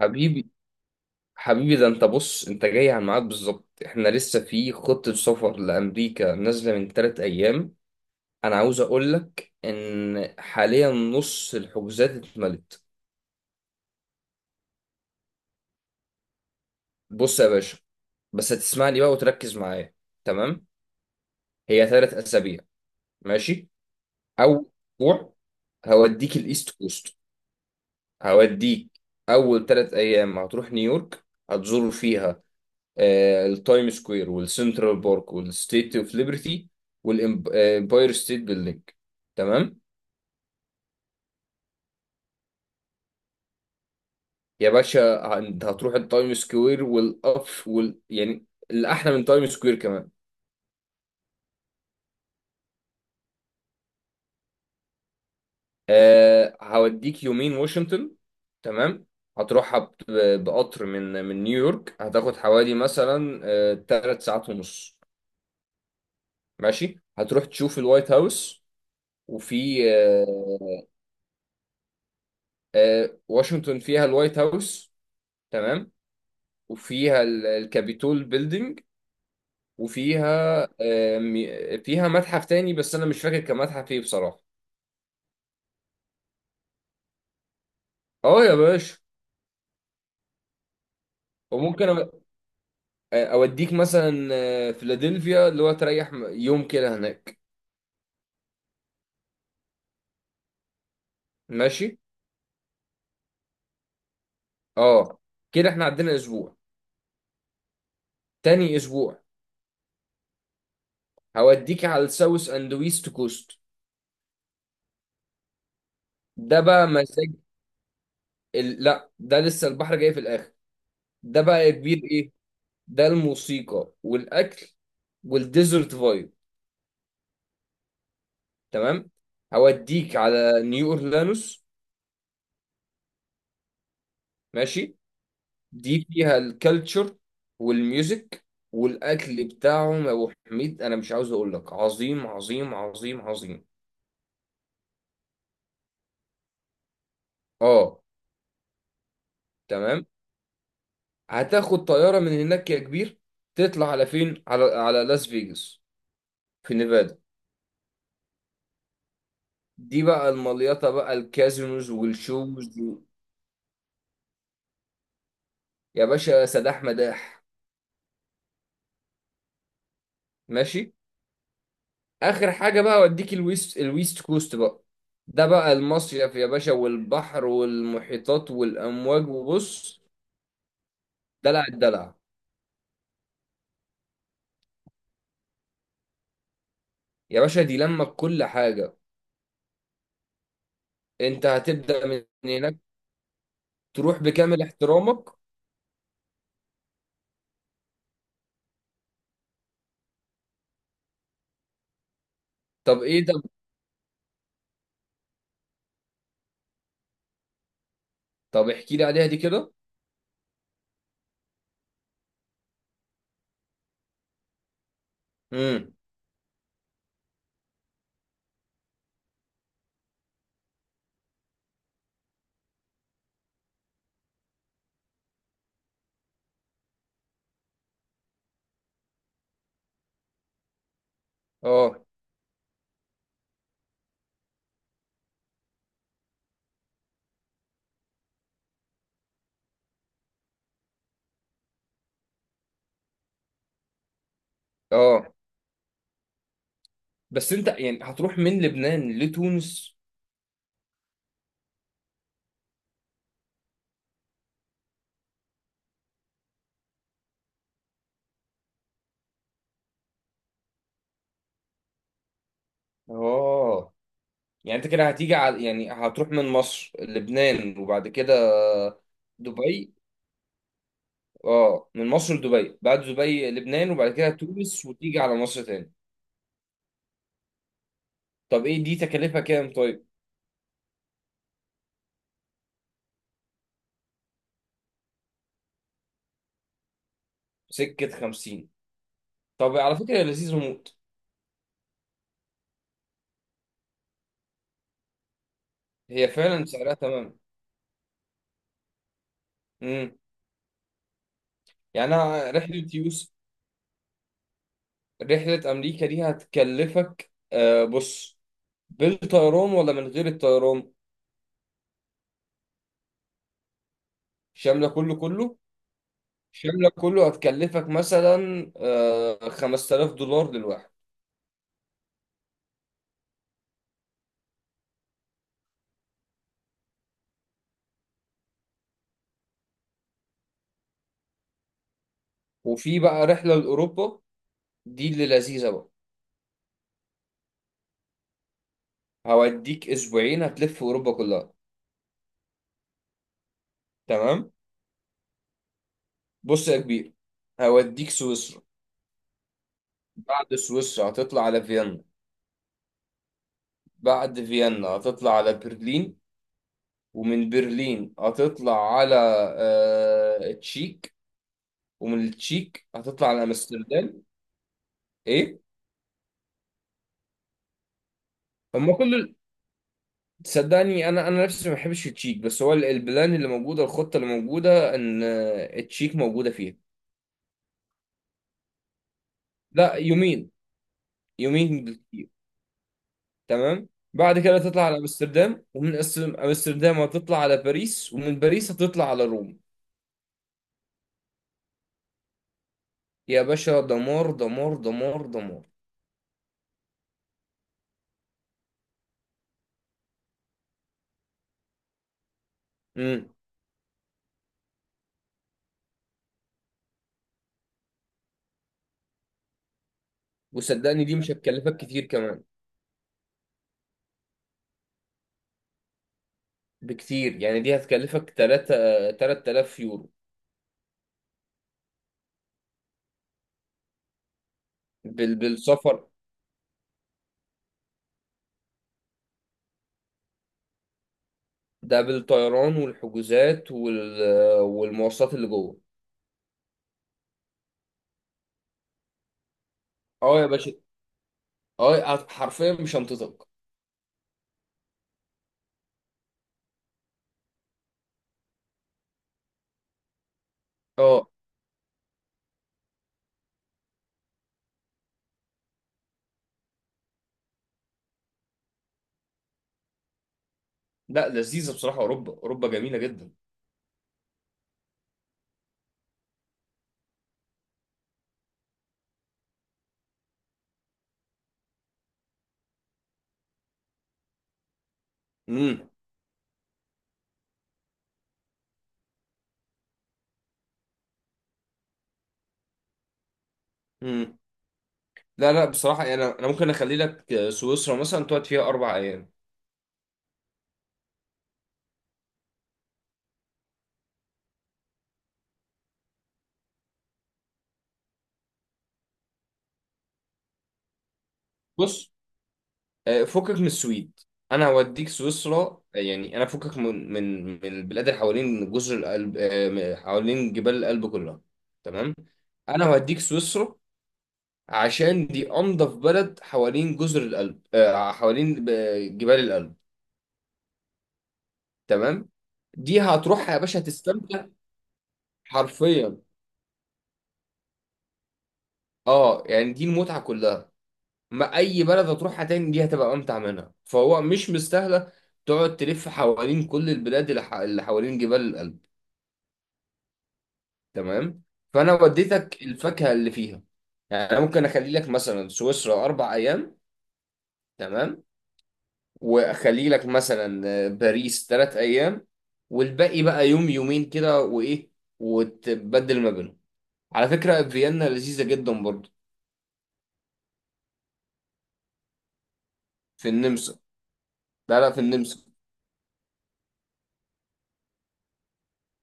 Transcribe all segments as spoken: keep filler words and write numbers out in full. حبيبي، حبيبي، ده انت بص، انت جاي على الميعاد بالظبط. احنا لسه في خطة سفر لأمريكا نازلة من تلات أيام. أنا عاوز أقول لك إن حاليا نص الحجوزات اتملت. بص يا باشا، بس هتسمعني بقى وتركز معايا. تمام. هي تلات أسابيع. ماشي. أول أسبوع هوديك الإيست كوست. هوديك أول تلات أيام هتروح نيويورك، هتزور فيها آه، التايم سكوير والسنترال بارك والستيت اوف ليبرتي والامباير ستيت بيلدينج. تمام. يا باشا ه- انت هتروح التايم سكوير والأف وال يعني، الأحلى من تايم سكوير كمان. أه هوديك يومين واشنطن. تمام. هتروحها ب- بقطر، من من نيويورك هتاخد حوالي مثلا أه ثلاث ساعات ونص ساعات ونص. ماشي. هتروح تشوف الوايت هاوس، وفي أه آه، واشنطن فيها الوايت هاوس. تمام. وفيها ال- الكابيتول بيلدينج. وفيها آه، مي- فيها متحف تاني، بس انا مش فاكر كان متحف ايه بصراحه. اه يا باشا. وممكن أ- اوديك مثلا آه، فيلادلفيا، اللي هو تريح م- يوم كده هناك. ماشي. اه، كده احنا عندنا اسبوع. تاني اسبوع هوديك على الساوث اند ويست كوست. ده بقى مزاج. ال... لا، ده لسه البحر جاي في الاخر. ده بقى يا كبير ايه، ده الموسيقى والاكل والديزرت فايب. تمام. هوديك على نيو اورلانوس. ماشي. دي فيها الكالتشر والميوزك والاكل بتاعهم، يا ابو حميد انا مش عاوز اقول لك، عظيم عظيم عظيم عظيم. اه. تمام. هتاخد طياره من هناك يا كبير، تطلع على فين؟ على على لاس فيجاس في نيفادا. دي بقى المليطه بقى، الكازينوز والشوز و- يا باشا سداح مداح. ماشي. اخر حاجه بقى، اوديك الويست الويست كوست بقى. ده بقى المصيف يا باشا، والبحر والمحيطات والامواج وبص. دلع الدلع. يا باشا دي لما كل حاجه، انت هتبدا من هناك. تروح بكامل احترامك. طب ايه ده؟ طب احكي لي عليها دي كده. امم. اه، اه. بس انت يعني هتروح من لبنان لتونس؟ اه. يعني انت كده هتيجي على، يعني هتروح من مصر لبنان وبعد كده دبي. اه، من مصر لدبي، بعد دبي لبنان، وبعد كده تونس، وتيجي على مصر تاني. طب ايه، دي تكلفة كام طيب؟ سكة خمسين. طب على فكرة هي لذيذة موت. هي فعلا سعرها تمام. امم. يعني انا رحلة يوسف، رحلة امريكا دي هتكلفك، آه بص، بالطيران ولا من غير الطيران؟ شاملة كله كله، شاملة كله هتكلفك مثلا آه خمس تلاف دولار للواحد. وفي بقى رحلة لأوروبا، دي اللي لذيذة بقى. هوديك اسبوعين هتلف اوروبا كلها. تمام. بص يا كبير، هوديك سويسرا. بعد سويسرا هتطلع على فيينا، بعد فيينا هتطلع على برلين، ومن برلين هتطلع على آه، تشيك، ومن التشيك هتطلع على امستردام. ايه، هما كل تصدقني، انا انا نفسي ما بحبش التشيك، بس هو ال- البلان اللي موجوده، الخطه اللي موجوده ان آه، التشيك موجوده فيها. لا، يومين. يومين. تمام. بعد كده تطلع على امستردام، ومن أس- امستردام هتطلع على باريس، ومن باريس هتطلع على روم. يا باشا دمار دمار دمار دمار. امم. وصدقني دي مش هتكلفك كتير كمان، بكتير. يعني دي هتكلفك تلاتة 3000 يورو. بال... بالسفر. ده بالطيران والحجوزات وال... والمواصلات اللي جوه. اه يا باشا. اه هت- حرفيا مش هنطقك. اه. لا، لذيذه بصراحه، اوروبا، اوروبا جميله جدا. امم. لا، لا، بصراحة يعني، أنا أنا ممكن أخلي لك آه، سويسرا مثلا تقعد فيها أربع أيام. بص، آه، فكك من السويد. أنا هوديك سويسرا. آه، يعني أنا فكك من من من البلاد اللي حوالين جزر القلب، آه، حوالين جبال الألب كلها. تمام. أنا هوديك سويسرا، عشان دي أنظف بلد حوالين جزر القلب، آه، حوالين آه، جبال الألب. تمام. دي هتروح يا باشا تستمتع. حرفيا. اه يعني دي المتعة كلها. ما اي بلد هتروحها تاني دي هتبقى امتع منها، فهو مش مستاهله تقعد تلف حوالين كل البلاد اللي ح- اللي حوالين جبال الألب. تمام. فانا وديتك الفاكهه اللي فيها. يعني انا ممكن اخلي لك مثلا سويسرا اربع ايام. تمام. واخلي لك مثلا آه، باريس ثلاث ايام. والباقي بقى يوم يومين كده وايه، وتبدل ما بينهم. على فكره فيينا لذيذه جدا برضه. في النمسا. لا، لا، في النمسا.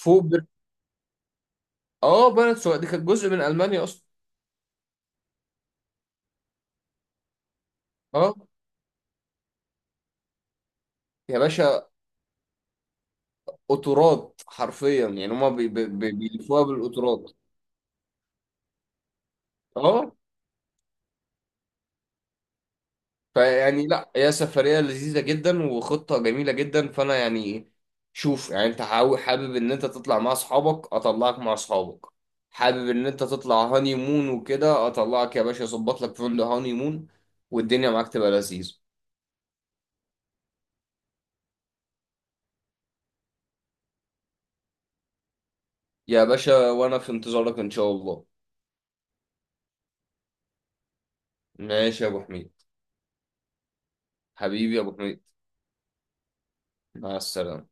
فوق بر... اه، بلد سويسرا دي كانت جزء من المانيا اصلا. اه يا باشا، قطورات حرفيا، يعني هما بي- بي- بي- بيلفوها بالقطورات. اه. فيعني لا، هي سفرية لذيذة جدا وخطة جميلة جدا، فانا يعني شوف، يعني انت حاو- حابب ان انت تطلع مع اصحابك، اطلعك مع اصحابك. حابب ان انت تطلع هاني مون وكده، اطلعك يا باشا، اظبط لك فندق هاني مون والدنيا معاك تبقى لذيذة. يا باشا وانا في انتظارك ان شاء الله. ماشي يا ابو حميد. حبيبي يا ابو حميد. مع السلامة.